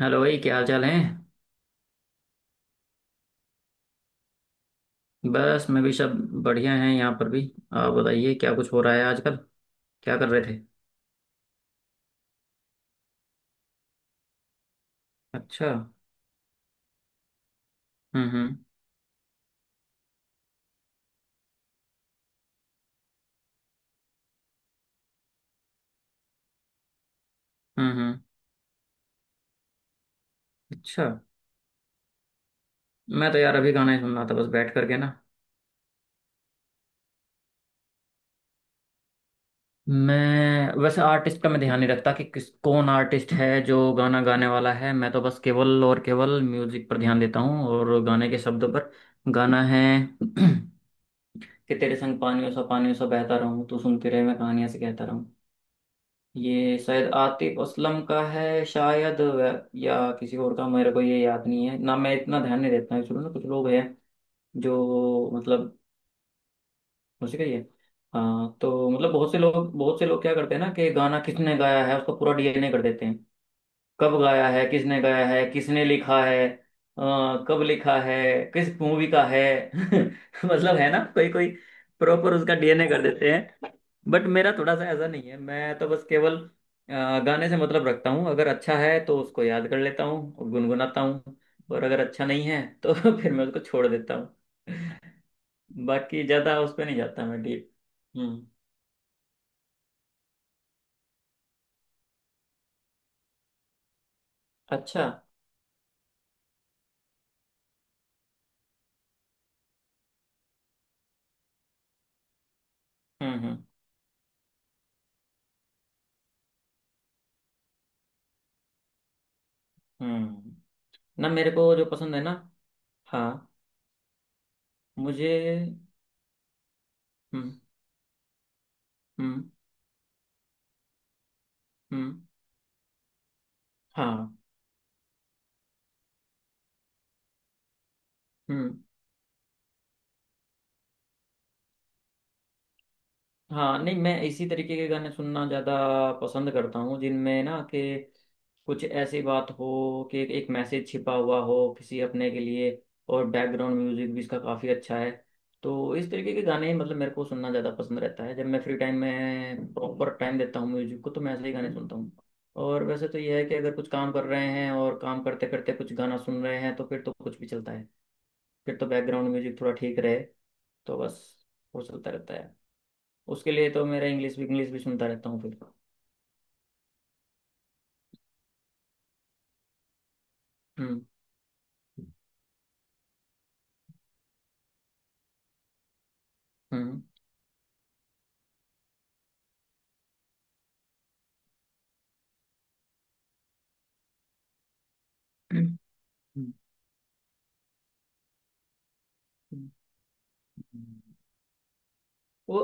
Hello भाई, क्या हाल चाल है? बस मैं भी सब बढ़िया हैं। यहाँ पर भी। आप बताइए, क्या कुछ हो रहा है आजकल? क्या कर रहे थे? अच्छा। हम्म। हम्म। हम्म। हम्म। अच्छा, मैं तो यार अभी गाना ही सुन रहा था, बस बैठ करके ना। मैं वैसे आर्टिस्ट का मैं ध्यान नहीं रखता कि किस कौन आर्टिस्ट है जो गाना गाने वाला है। मैं तो बस केवल और केवल म्यूजिक पर ध्यान देता हूँ और गाने के शब्दों पर। गाना है। कि तेरे संग पानियों सा बहता रहूं, तू सुनती रहे मैं कहानियां से कहता। ये शायद आतिफ असलम का है शायद, या किसी और का। मेरे को ये याद नहीं है ना, मैं इतना ध्यान नहीं देता हूँ ना। कुछ लोग हैं जो मतलब उसी का ही है। हाँ, तो मतलब बहुत से लोग, बहुत से लोग क्या करते हैं ना कि गाना किसने गाया है उसका पूरा डीएनए कर देते हैं। कब गाया है, किसने गाया है, किसने लिखा है, कब लिखा है, किस मूवी का है। मतलब है ना, कोई कोई प्रॉपर उसका डीएनए कर देते हैं। बट मेरा थोड़ा सा ऐसा नहीं है, मैं तो बस केवल गाने से मतलब रखता हूँ। अगर अच्छा है तो उसको याद कर लेता हूँ और गुनगुनाता हूँ, और अगर अच्छा नहीं है तो फिर मैं उसको छोड़ देता हूँ। बाकी ज़्यादा उस पर नहीं जाता मैं डीप। हम्म। अच्छा। हम्म। हम्म। हम्म। ना मेरे को जो पसंद है ना। हाँ। मुझे। हम्म। हम्म। हम्म। हाँ। हम्म। हाँ नहीं, मैं इसी तरीके के गाने सुनना ज़्यादा पसंद करता हूँ जिनमें ना कि कुछ ऐसी बात हो कि एक मैसेज छिपा हुआ हो किसी अपने के लिए, और बैकग्राउंड म्यूजिक भी इसका काफ़ी अच्छा है। तो इस तरीके के गाने ही मतलब मेरे को सुनना ज़्यादा पसंद रहता है जब मैं फ्री टाइम में प्रॉपर टाइम देता हूँ म्यूजिक को, तो मैं ऐसे ही गाने सुनता हूँ। और वैसे तो यह है कि अगर कुछ काम कर रहे हैं और काम करते करते कुछ गाना सुन रहे हैं तो फिर तो कुछ भी चलता है। फिर तो बैकग्राउंड म्यूजिक थोड़ा ठीक रहे तो बस वो चलता रहता है। उसके लिए तो मेरा इंग्लिश भी सुनता रहता हूँ फिर। हम्म। हम्म। हम्म। हम्म। वो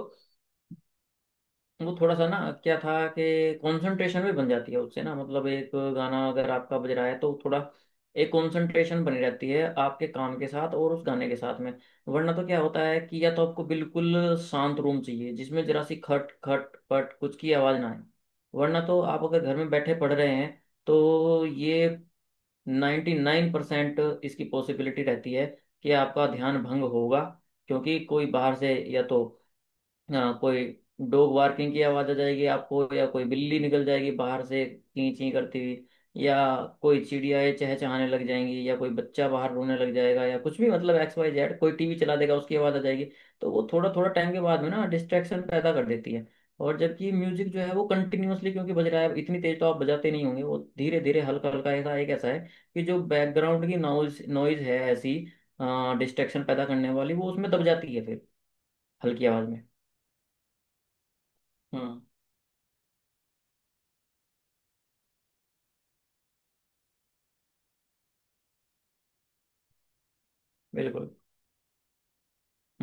वो थोड़ा सा ना क्या था कि कंसंट्रेशन भी बन जाती है उससे ना। मतलब एक गाना अगर आपका बज रहा है तो थोड़ा एक कंसंट्रेशन बनी रहती है आपके काम के साथ और उस गाने के साथ में। वरना तो क्या होता है कि या तो आपको बिल्कुल शांत रूम चाहिए जिसमें जरा सी खट खट पट कुछ की आवाज ना आए, वरना तो आप अगर घर में बैठे पढ़ रहे हैं तो ये 99% इसकी पॉसिबिलिटी रहती है कि आपका ध्यान भंग होगा। क्योंकि कोई बाहर से या तो हाँ, कोई डॉग बार्किंग की आवाज आ जाएगी आपको, या कोई बिल्ली निकल जाएगी बाहर से चीं चीं करती हुई, या कोई चिड़ियाएं चहचहाने लग जाएंगी, या कोई बच्चा बाहर रोने लग जाएगा, या कुछ भी मतलब एक्स वाई जेड कोई टीवी चला देगा उसकी आवाज आ जाएगी। तो वो थोड़ा थोड़ा टाइम के बाद में ना डिस्ट्रैक्शन पैदा कर देती है। और जबकि म्यूजिक जो है वो कंटिन्यूअसली क्योंकि बज रहा है, इतनी तेज तो आप बजाते नहीं होंगे, वो धीरे धीरे हल्का हल्का ऐसा एक ऐसा है कि जो बैकग्राउंड की नॉइज नॉइज है ऐसी डिस्ट्रैक्शन पैदा करने वाली, वो उसमें दब जाती है फिर हल्की आवाज में। हम्म। बिल्कुल।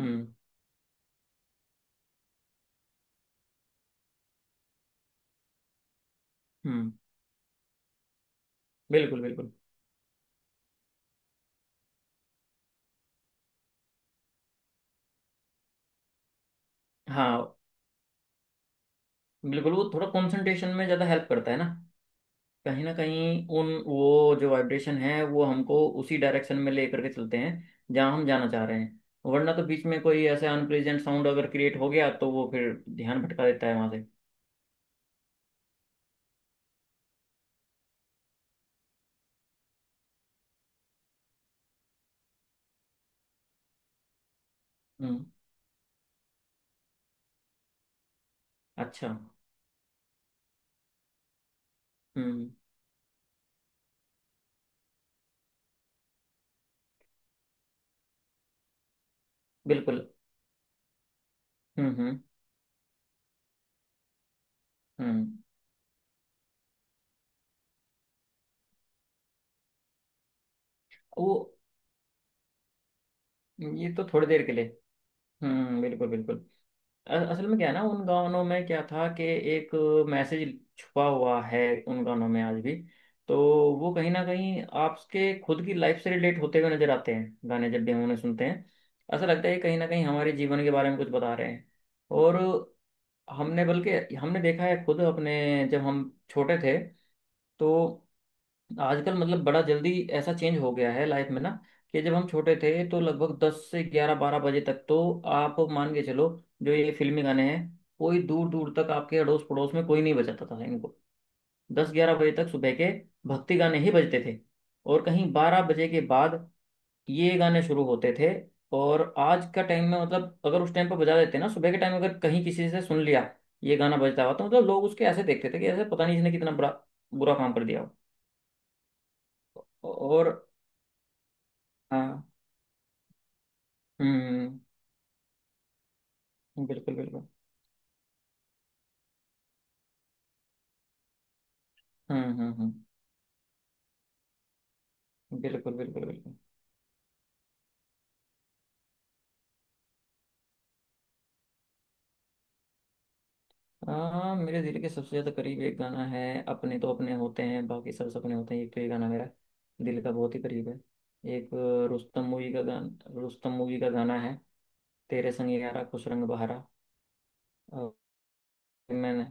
हम्म। हम्म। बिल्कुल बिल्कुल। हाँ, बिल्कुल वो थोड़ा कंसंट्रेशन में ज़्यादा हेल्प करता है ना। कहीं ना कहीं उन वो जो वाइब्रेशन है वो हमको उसी डायरेक्शन में ले करके चलते हैं जहाँ हम जाना चाह रहे हैं। वरना तो बीच में कोई ऐसा अनप्लेजेंट साउंड अगर क्रिएट हो गया तो वो फिर ध्यान भटका देता है वहां से। हम्म। अच्छा। हम्म। बिल्कुल। हम्म। हम्म। हम्म। वो। ये तो थोड़ी देर के लिए। हम्म। बिल्कुल बिल्कुल। असल में क्या है ना, उन गानों में क्या था कि एक मैसेज छुपा हुआ है उन गानों में आज भी। तो वो कहीं ना कहीं आपके खुद की लाइफ से रिलेट होते हुए नजर आते हैं गाने जब भी हम उन्हें सुनते हैं। ऐसा लगता है कि कहीं ना कहीं हमारे जीवन के बारे में कुछ बता रहे हैं। और हमने, बल्कि हमने देखा है खुद अपने, जब हम छोटे थे तो आजकल मतलब बड़ा जल्दी ऐसा चेंज हो गया है लाइफ में ना। कि जब हम छोटे थे तो लगभग 10 से 11, 12 बजे तक तो आप मान के चलो जो ये फिल्मी गाने हैं, कोई दूर दूर तक आपके अड़ोस पड़ोस में कोई नहीं बजाता था इनको। 10, 11 बजे तक सुबह के भक्ति गाने ही बजते थे, और कहीं 12 बजे के बाद ये गाने शुरू होते थे। और आज का टाइम में मतलब अगर उस टाइम पर बजा देते ना सुबह के टाइम, अगर कहीं किसी से सुन लिया ये गाना बजता हुआ, तो मतलब लोग उसके ऐसे देखते थे कि ऐसे पता नहीं इसने कितना बुरा बुरा काम कर दिया हो। और हाँ। हम्म। बिल्कुल बिल्कुल। हम्म। हम्म। हम्म। बिल्कुल बिल्कुल बिल्कुल। हाँ, मेरे दिल के सबसे ज्यादा करीब एक गाना है, अपने तो अपने होते हैं बाकी सब सपने होते हैं, एक तो ये गाना मेरा दिल का बहुत ही करीब है। एक रुस्तम मूवी का गाना है। तेरे संग यारा खुश रंग बहारा। और मैंने,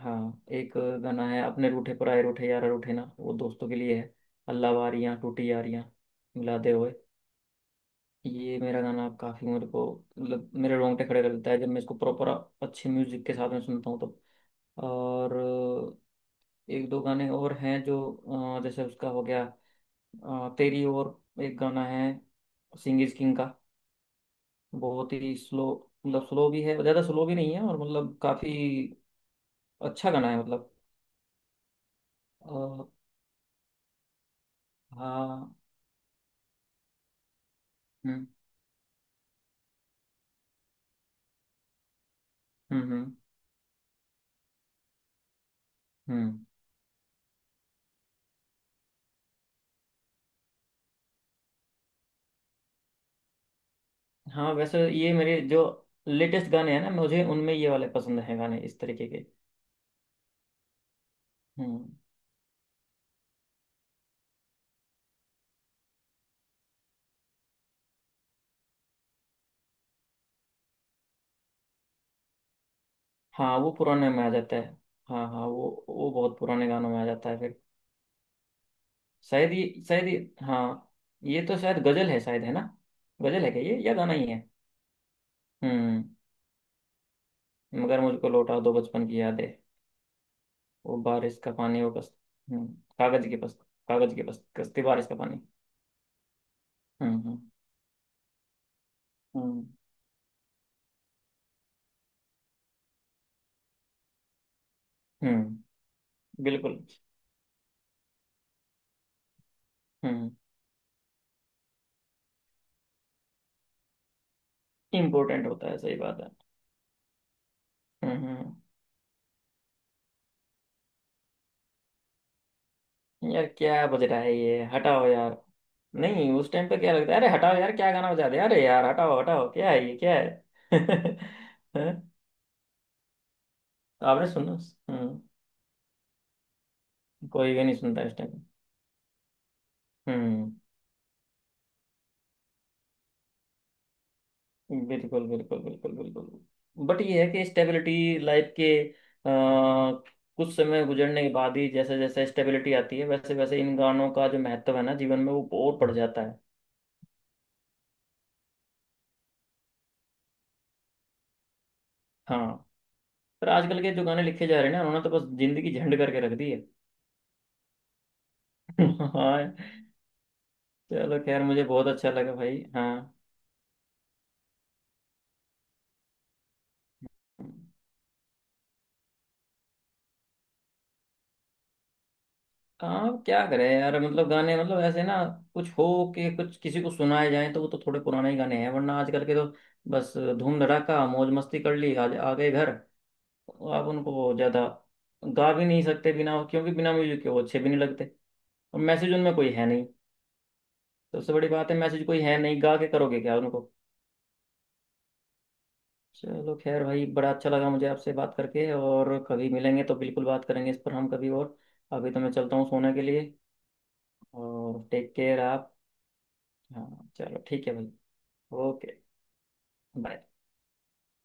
हाँ, एक गाना है अपने रूठे पराए रूठे यारा रूठे ना, वो दोस्तों के लिए है। अल्लाह वारियाँ टूटी यारियां मिला दे होए। ये मेरा गाना काफी मेरे को मतलब मेरे रोंगटे खड़े कर देता है जब मैं इसको प्रॉपर अच्छे म्यूजिक के साथ में सुनता हूँ तो। और एक दो गाने और हैं जो जैसे उसका हो गया तेरी। और एक गाना है सिंग इज किंग का, बहुत ही स्लो, मतलब स्लो भी है ज्यादा स्लो भी नहीं है और मतलब काफी अच्छा गाना है मतलब। अ, हाँ। हम्म। हम्म। हम्म। हम्म। हाँ वैसे ये मेरे जो लेटेस्ट गाने हैं ना मुझे उनमें ये वाले पसंद हैं गाने इस तरीके के। हम्म। हाँ वो पुराने में आ जाता है। हाँ हाँ वो बहुत पुराने गानों में आ जाता है फिर। शायद ये शायद ये, हाँ, ये तो शायद गजल है शायद, है ना? गजल है क्या ये, या गाना ही है? हम्म। मगर मुझको लौटा दो बचपन की यादें, वो बारिश का पानी, वो कस। हम्म। कागज के पस, कागज के पस कश्ती बारिश का पानी। हम्म। हम्म। हम्म। हम्म। बिल्कुल। हम्म। इम्पोर्टेंट होता है, सही बात है। हम्म। हम्म। यार क्या बज रहा है ये, हटाओ यार। नहीं, उस टाइम पे क्या लगता है, अरे हटाओ यार, क्या गाना बजा दिया, अरे यार हटाओ हटाओ क्या है ये क्या है। हैं? तो आपने सुना। हम्म। कोई भी नहीं सुनता इस टाइम। हम्म बिल्कुल बिल्कुल बिल्कुल बिल्कुल, बट ये है कि स्टेबिलिटी लाइफ के कुछ समय गुजरने के बाद ही जैसे जैसे स्टेबिलिटी आती है वैसे वैसे इन गानों का जो महत्व है ना जीवन में वो और बढ़ जाता है। हाँ, पर आजकल के जो गाने लिखे जा रहे हैं ना उन्होंने तो बस जिंदगी झंड करके रख दी है। हाँ। चलो खैर, मुझे बहुत अच्छा लगा भाई। हाँ, हाँ क्या करें यार, मतलब गाने मतलब ऐसे ना कुछ हो के कुछ किसी को सुनाए जाए तो वो तो थोड़े पुराने ही गाने हैं, वरना आजकल के तो बस धूम धड़ाका मौज मस्ती कर ली आ गए घर। आप उनको ज्यादा गा भी नहीं सकते बिना, क्योंकि बिना म्यूजिक के वो अच्छे भी नहीं लगते, और मैसेज उनमें कोई है नहीं। सबसे बड़ी बात है मैसेज कोई है नहीं, गा के करोगे क्या उनको। चलो खैर भाई, बड़ा अच्छा लगा मुझे आपसे बात करके, और कभी मिलेंगे तो बिल्कुल बात करेंगे इस पर हम कभी और। अभी तो मैं चलता हूँ सोने के लिए। और टेक केयर आप। हाँ चलो ठीक है भाई। OK bye।